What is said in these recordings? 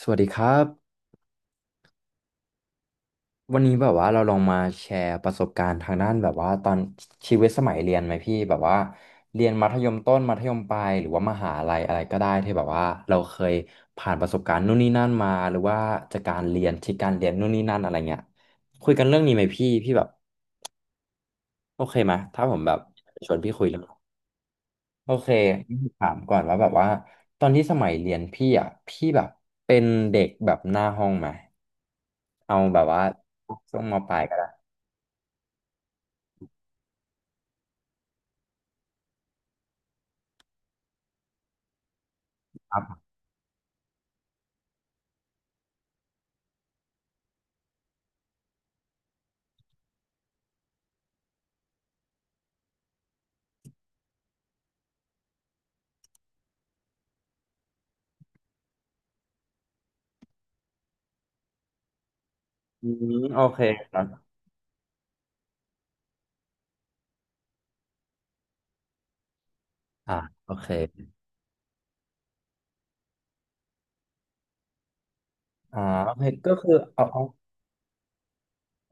สวัสดีครับวันนี้แบบว่าเราลองมาแชร์ประสบการณ์ทางด้านแบบว่าตอนชีวิตสมัยเรียนไหมพี่แบบว่าเรียนมัธยมต้นมัธยมปลายหรือว่ามหาลัยอะไรก็ได้ที่แบบว่าเราเคยผ่านประสบการณ์นู่นนี่นั่นมาหรือว่าจากการเรียนที่การเรียนนู่นนี่นั่นอะไรเงี้ยคุยกันเรื่องนี้ไหมพี่แบบโอเคไหมถ้าผมแบบชวนพี่คุยเรื่องโอเคงั้นถามก่อนว่าแบบว่าตอนที่สมัยเรียนพี่อ่ะพี่แบบเป็นเด็กแบบหน้าห้องไหมเอาแบบว่าช่วงมปลายก็ได้ อืมโอเคครับอ่าโอเคอ๋อโอเคก็คือเอา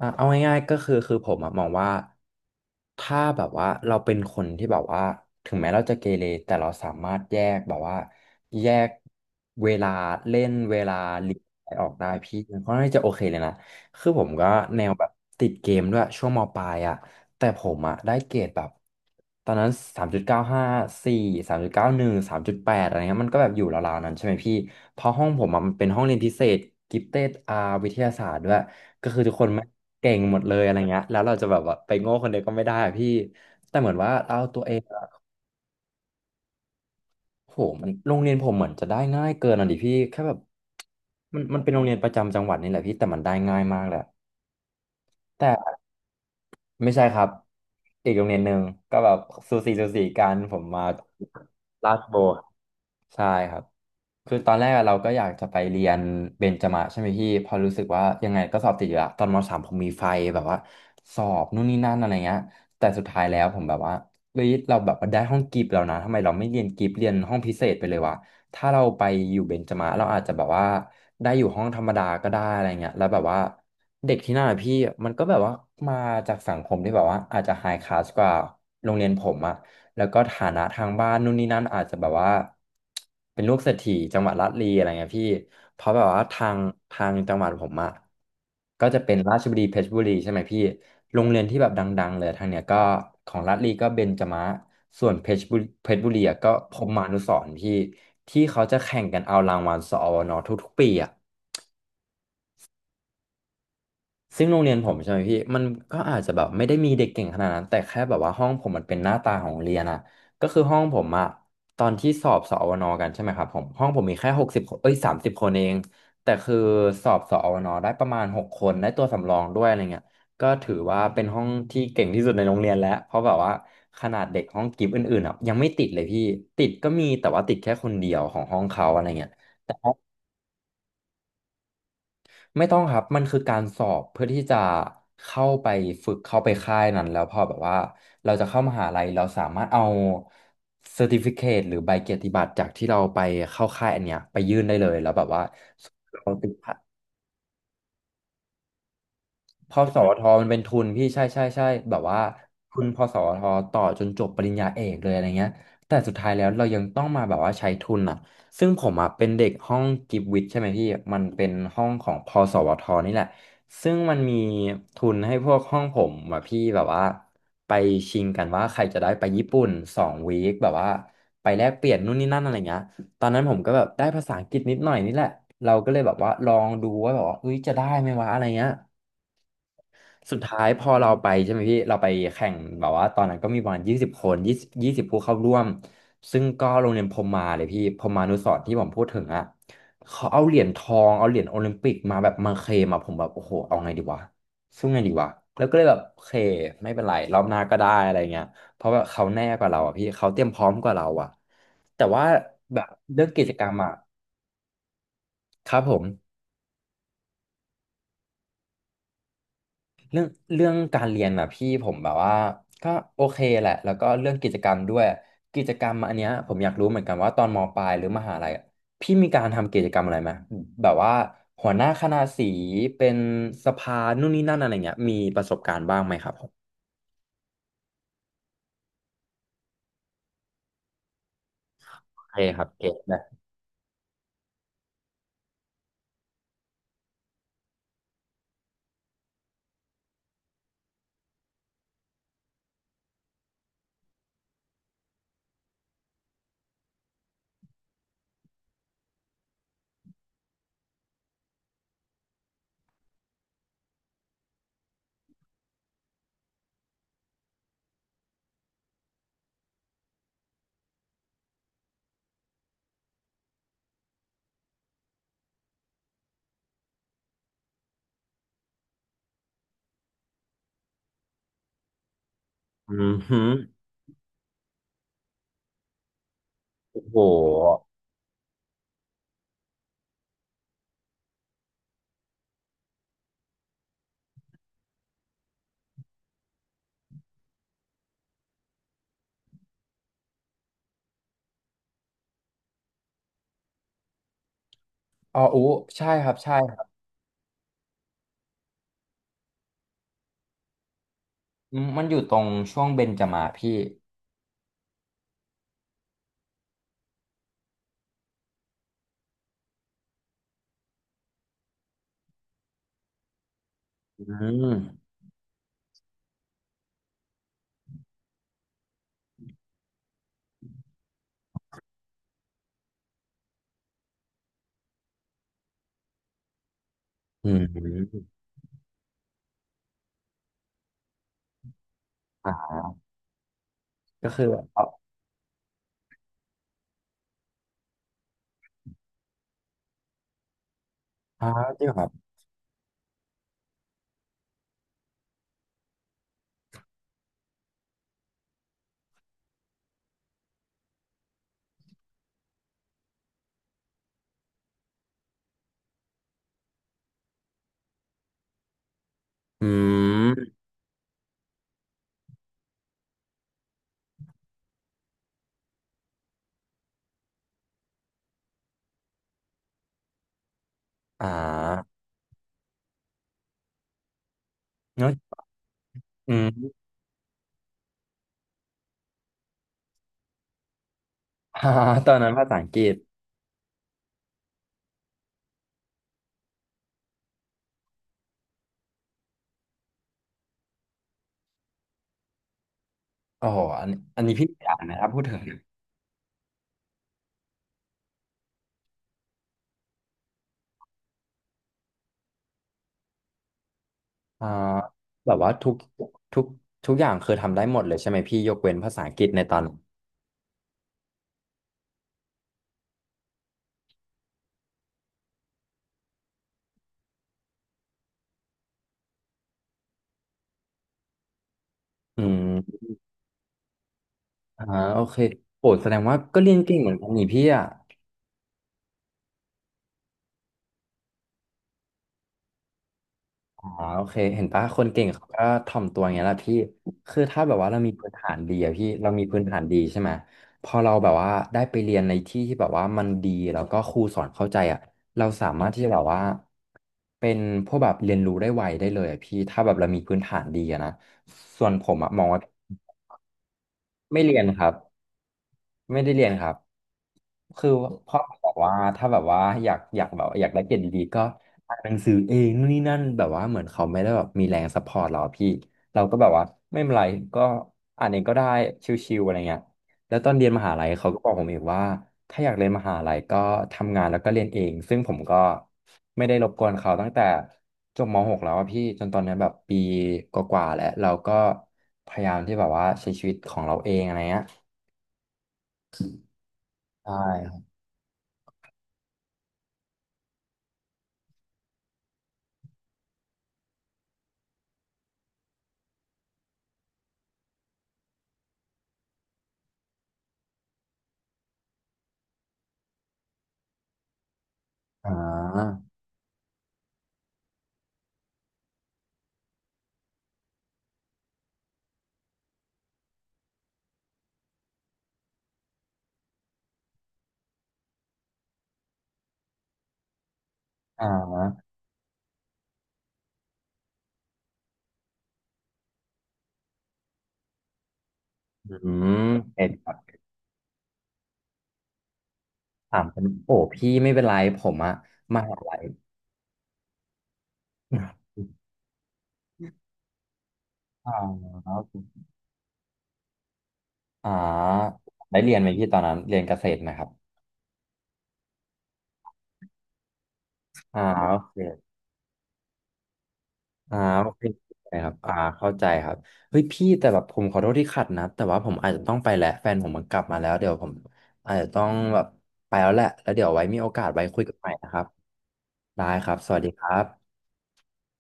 อ่ะเอาง่ายๆก็คือผมอะมองว่าถ้าแบบว่าเราเป็นคนที่แบบว่าถึงแม้เราจะเกเรแต่เราสามารถแยกแบบว่าแยกเวลาเล่นเวลาเรียนอะไรออกได้พี่มันก็น่าจะโอเคเลยนะคือผมก็แนวแบบติดเกมด้วยช่วงมปลายอ่ะแต่ผมอ่ะได้เกรดแบบตอนนั้น3.9543.913.8อะไรเงี้ยมันก็แบบอยู่ราวๆนั้นใช่ไหมพี่เพราะห้องผมอะมันเป็นห้องเรียนพิเศษกิฟเต็ดอาร์วิทยาศาสตร์ด้วย ก็คือทุกคนไม่งเก่งหมดเลยอะไรเงี้ยแล้วเราจะแบบว่าไปโง่คนเดียวก็ไม่ได้อะพี่แต่เหมือนว่าเราตัวเองอะโหมันโรงเรียนผมเหมือนจะได้ง่ายเกินอ่ะดิพี่แค่แบบมันเป็นโรงเรียนประจำจังหวัดนี่แหละพี่แต่มันได้ง่ายมากแหละแต่ไม่ใช่ครับอีกโรงเรียนหนึ่งก็แบบสูสีสูสีกันผมมาลาดโบว์ใช่ครับ คือตอนแรกอะเราก็อยากจะไปเรียนเบญจมาศใช่ไหมพี่พอรู้สึกว่ายังไงก็สอบติดอยู่ละตอนมสามผมมีไฟแบบว่าสอบนู่นนี่นั่นอะไรเงี้ยแต่สุดท้ายแล้วผมแบบว่าเฮ้ยเราแบบว่าได้ห้องกิฟต์แล้วนะทำไมเราไม่เรียนกิฟต์เรียนห้องพิเศษไปเลยวะถ้าเราไปอยู่เบญจมาศเราอาจจะแบบว่าได้อยู่ห้องธรรมดาก็ได้อะไรเงี้ยแล้วแบบว่าเด็กที่นั่นอะพี่มันก็แบบว่ามาจากสังคมที่แบบว่าอาจจะไฮคลาสกว่าโรงเรียนผมอะ แล้วก็ฐานะทางบ้านนู่นนี่นั่นอาจจะแบบว่าเป็นลูกเศรษฐีจังหวัดลาดลีอะไรเงี้ยพี่เพราะแบบว่าทางจังหวัดผมอะก็จะเป็นราชบุรีเพชรบุรีใช่ไหมพี่โรงเรียนที่แบบดังๆเลยทางเนี้ยก็ของลาดลีก็เบญจมะส่วนเพชรบุรีอะก็พรหมานุสรณ์พี่ที่เขาจะแข่งกันเอารางวัลสอวนทุกๆปีอะ ซึ่งโรงเรียนผมใช่ไหมพี่มันก็อาจจะแบบไม่ได้มีเด็กเก่งขนาดนั้นแต่แค่แบบว่าห้องผมมันเป็นหน้าตาของโรงเรียนอะก็คือห้องผมอะตอนที่สอบสอวนกันใช่ไหมครับผมห้องผมมีแค่หกสิบเอ้ย30คนเองแต่คือสอบสอวนได้ประมาณหกคนได้ตัวสำรองด้วยอะไรเงี้ยก็ถือว่าเป็นห้องที่เก่งที่สุดในโรงเรียนแล้วเพราะแบบว่าขนาดเด็กห้องกิฟต์อื่นๆอะยังไม่ติดเลยพี่ติดก็มีแต่ว่าติดแค่คนเดียวของห้องเขาอะไรเงี้ย ไม่ต้องครับ มันคือการสอบเพื่อที่จะเข้าไปฝึกเข้าไปค่ายนั้นแล้วพอแบบว่าเราจะเข้ามหาลัยเราสามารถเอาเซอร์ติฟิเคตหรือใบเกียรติบัตรจากที่เราไปเข้าค่ายอันเนี้ยไปยื่นได้เลยแล้วแบบว่าเราติด พอสวทมันเป็นทุนพี่ใช่ใช่ใช่แบบว่าทุนพอสวทต่อจนจบปริญญาเอกเลยอะไรเงี้ยแต่สุดท้ายแล้วเรายังต้องมาแบบว่าใช้ทุนอ่ะซึ่งผมอ่ะเป็นเด็กห้องกิฟวิทย์ใช่ไหมพี่มันเป็นห้องของพอสวทนี่แหละซึ่งมันมีทุนให้พวกห้องผมอ่ะพี่แบบว่าไปชิงกันว่าใครจะได้ไปญี่ปุ่น2 วีคแบบว่าไปแลกเปลี่ยนนู่นนี่นั่นอะไรเงี้ยตอนนั้นผมก็แบบได้ภาษาอังกฤษนิดหน่อยนี่แหละเราก็เลยแบบว่าลองดูว่าแบบว่าเฮ้ยจะได้ไหมวะอะไรเงี้ย สุดท้ายพอเราไปใช่ไหมพี่เราไปแข่งแบบว่าตอนนั้นก็มีประมาณยี่สิบคนยี่สิบผู้เข้าร่วมซึ่งก็โรงเรียนพรหมาเลยพี่พรหมานุสรณ์ที่ผมพูดถึงอ่ะเขาเอาเหรียญทองเอาเหรียญโอลิมปิกมาแบบมาเคลมอะผมแบบโอ้โหเอาไงดีวะสู้ไงดีวะแล้วก็เลยแบบโอเคไม่เป็นไรรอบหน้าก็ได้อะไรเงี้ยเพราะว่าเขาแน่กว่าเราอ่ะพี่เขาเตรียมพร้อมกว่าเราอ่ะแต่ว่าแบบเรื่องกิจกรรมอ่ะครับผม เรื่องเรื่องการเรียนอ่ะพี่ผมแบบว่าก็โอเคแหละแล้วก็เรื่องกิจกรรมด้วยกิจกรรมอันเนี้ยผมอยากรู้เหมือนกันว่าตอนมปลายหรือมหาลัยอะพี่มีการทำกิจกรรมอะไรไหมแบบว่าหัวหน้าคณะสีเป็นสภานู่นนี่นั่นอะไรเงี้ยมีประสบการณ์บ้างไหมครับผมโอเคครับเก็ตเลยอืมฮึโอ้โหอออู้ใช่ครับใช่ครับอืมมันอยู่ตรงช่วงเบญจมาศพี่อืมอืมอ่าก็คือแบบอ๋อจริงเหรอครับอืมอ่า เนาะอืม อ่าตอนนั้นภาษาอังกฤษโอ้โหอันนี้พี่อ่านนะครับพูดถึงอ่าแบบว่ากทุกอย่างคือทำได้หมดเลยใช่ไหมพี่ยกเว้นภาษาอังกฤษในตอนนั้นอืมอ่าโอเค โอ้แสดงว่าก็เรียนเก่งเหมือนกันนี่พี่อ่ะ อ๋อโอเคเห็นปะคนเก่งเขาก็ถ่อมตัวอย่างเงี้ยแหละพี่ คือถ้าแบบว่าเรามีพื้นฐานดีอะพี่เรามีพื้นฐานดีใช่ไหมพอเราแบบว่าได้ไปเรียนในที่ที่แบบว่ามันดีแล้วก็ครูสอนเข้าใจอะเราสามารถที่จะแบบว่าเป็นพวกแบบเรียนรู้ได้ไวได้เลยอะพี่ถ้าแบบเรามีพื้นฐานดีอะนะส่วนผมอะมองว่าไม่เรียนครับ ไม่ได้เรียนครับคือพ่อบอกว่าถ้าแบบว่าอยากแบบอยากได้เกรดดีๆก็อ่านหนังสือเองนู่นนี่นั่นแบบว่าเหมือนเขาไม่ได้แบบมีแรงซัพพอร์ตเราอะพี่ เราก็แบบว่าไม่เป็นไรก็อ่านเองก็ได้ชิวๆอะไรเงี้ยแล้วตอนเรียนมหาลัยเขาก็บอกผมอีกว่าถ้าอยากเรียนมหาลัยก็ทำงานแล้วก็เรียนเองซึ่งผมก็ไม่ได้รบกวนเขาตั้งแต่จบม .6 แล้วอะพี่จนตอนนี้แบบปีกว่าๆแล้วเราก็พยายามที่แบบว่าใช้ชีวิตของเราเองอะไรเงี้ยใช่ อ่าอ่าอืมเอ็ดครับถามเป็นโอ้พี่ไม่เป็นไรผมอะมหาลัย อ่าอ่าได้เรียนไหมพี่ตอนนั้นเรียนเกษตรไหมครับอ่าโอเคอ่าโอเคนะครับเข้าใจครับเฮ้ยพี่แต่แบบผมขอโทษที่ขัดนะแต่ว่าผมอาจจะต้องไปแหละแฟนผมมันกลับมาแล้วเดี๋ยวผมอาจจะต้องแบบไปแล้วแหละแล้วเดี๋ยวไว้มีโอกาสไว้คุยกันใหม่นะครับได้ครับสวัสดีครับ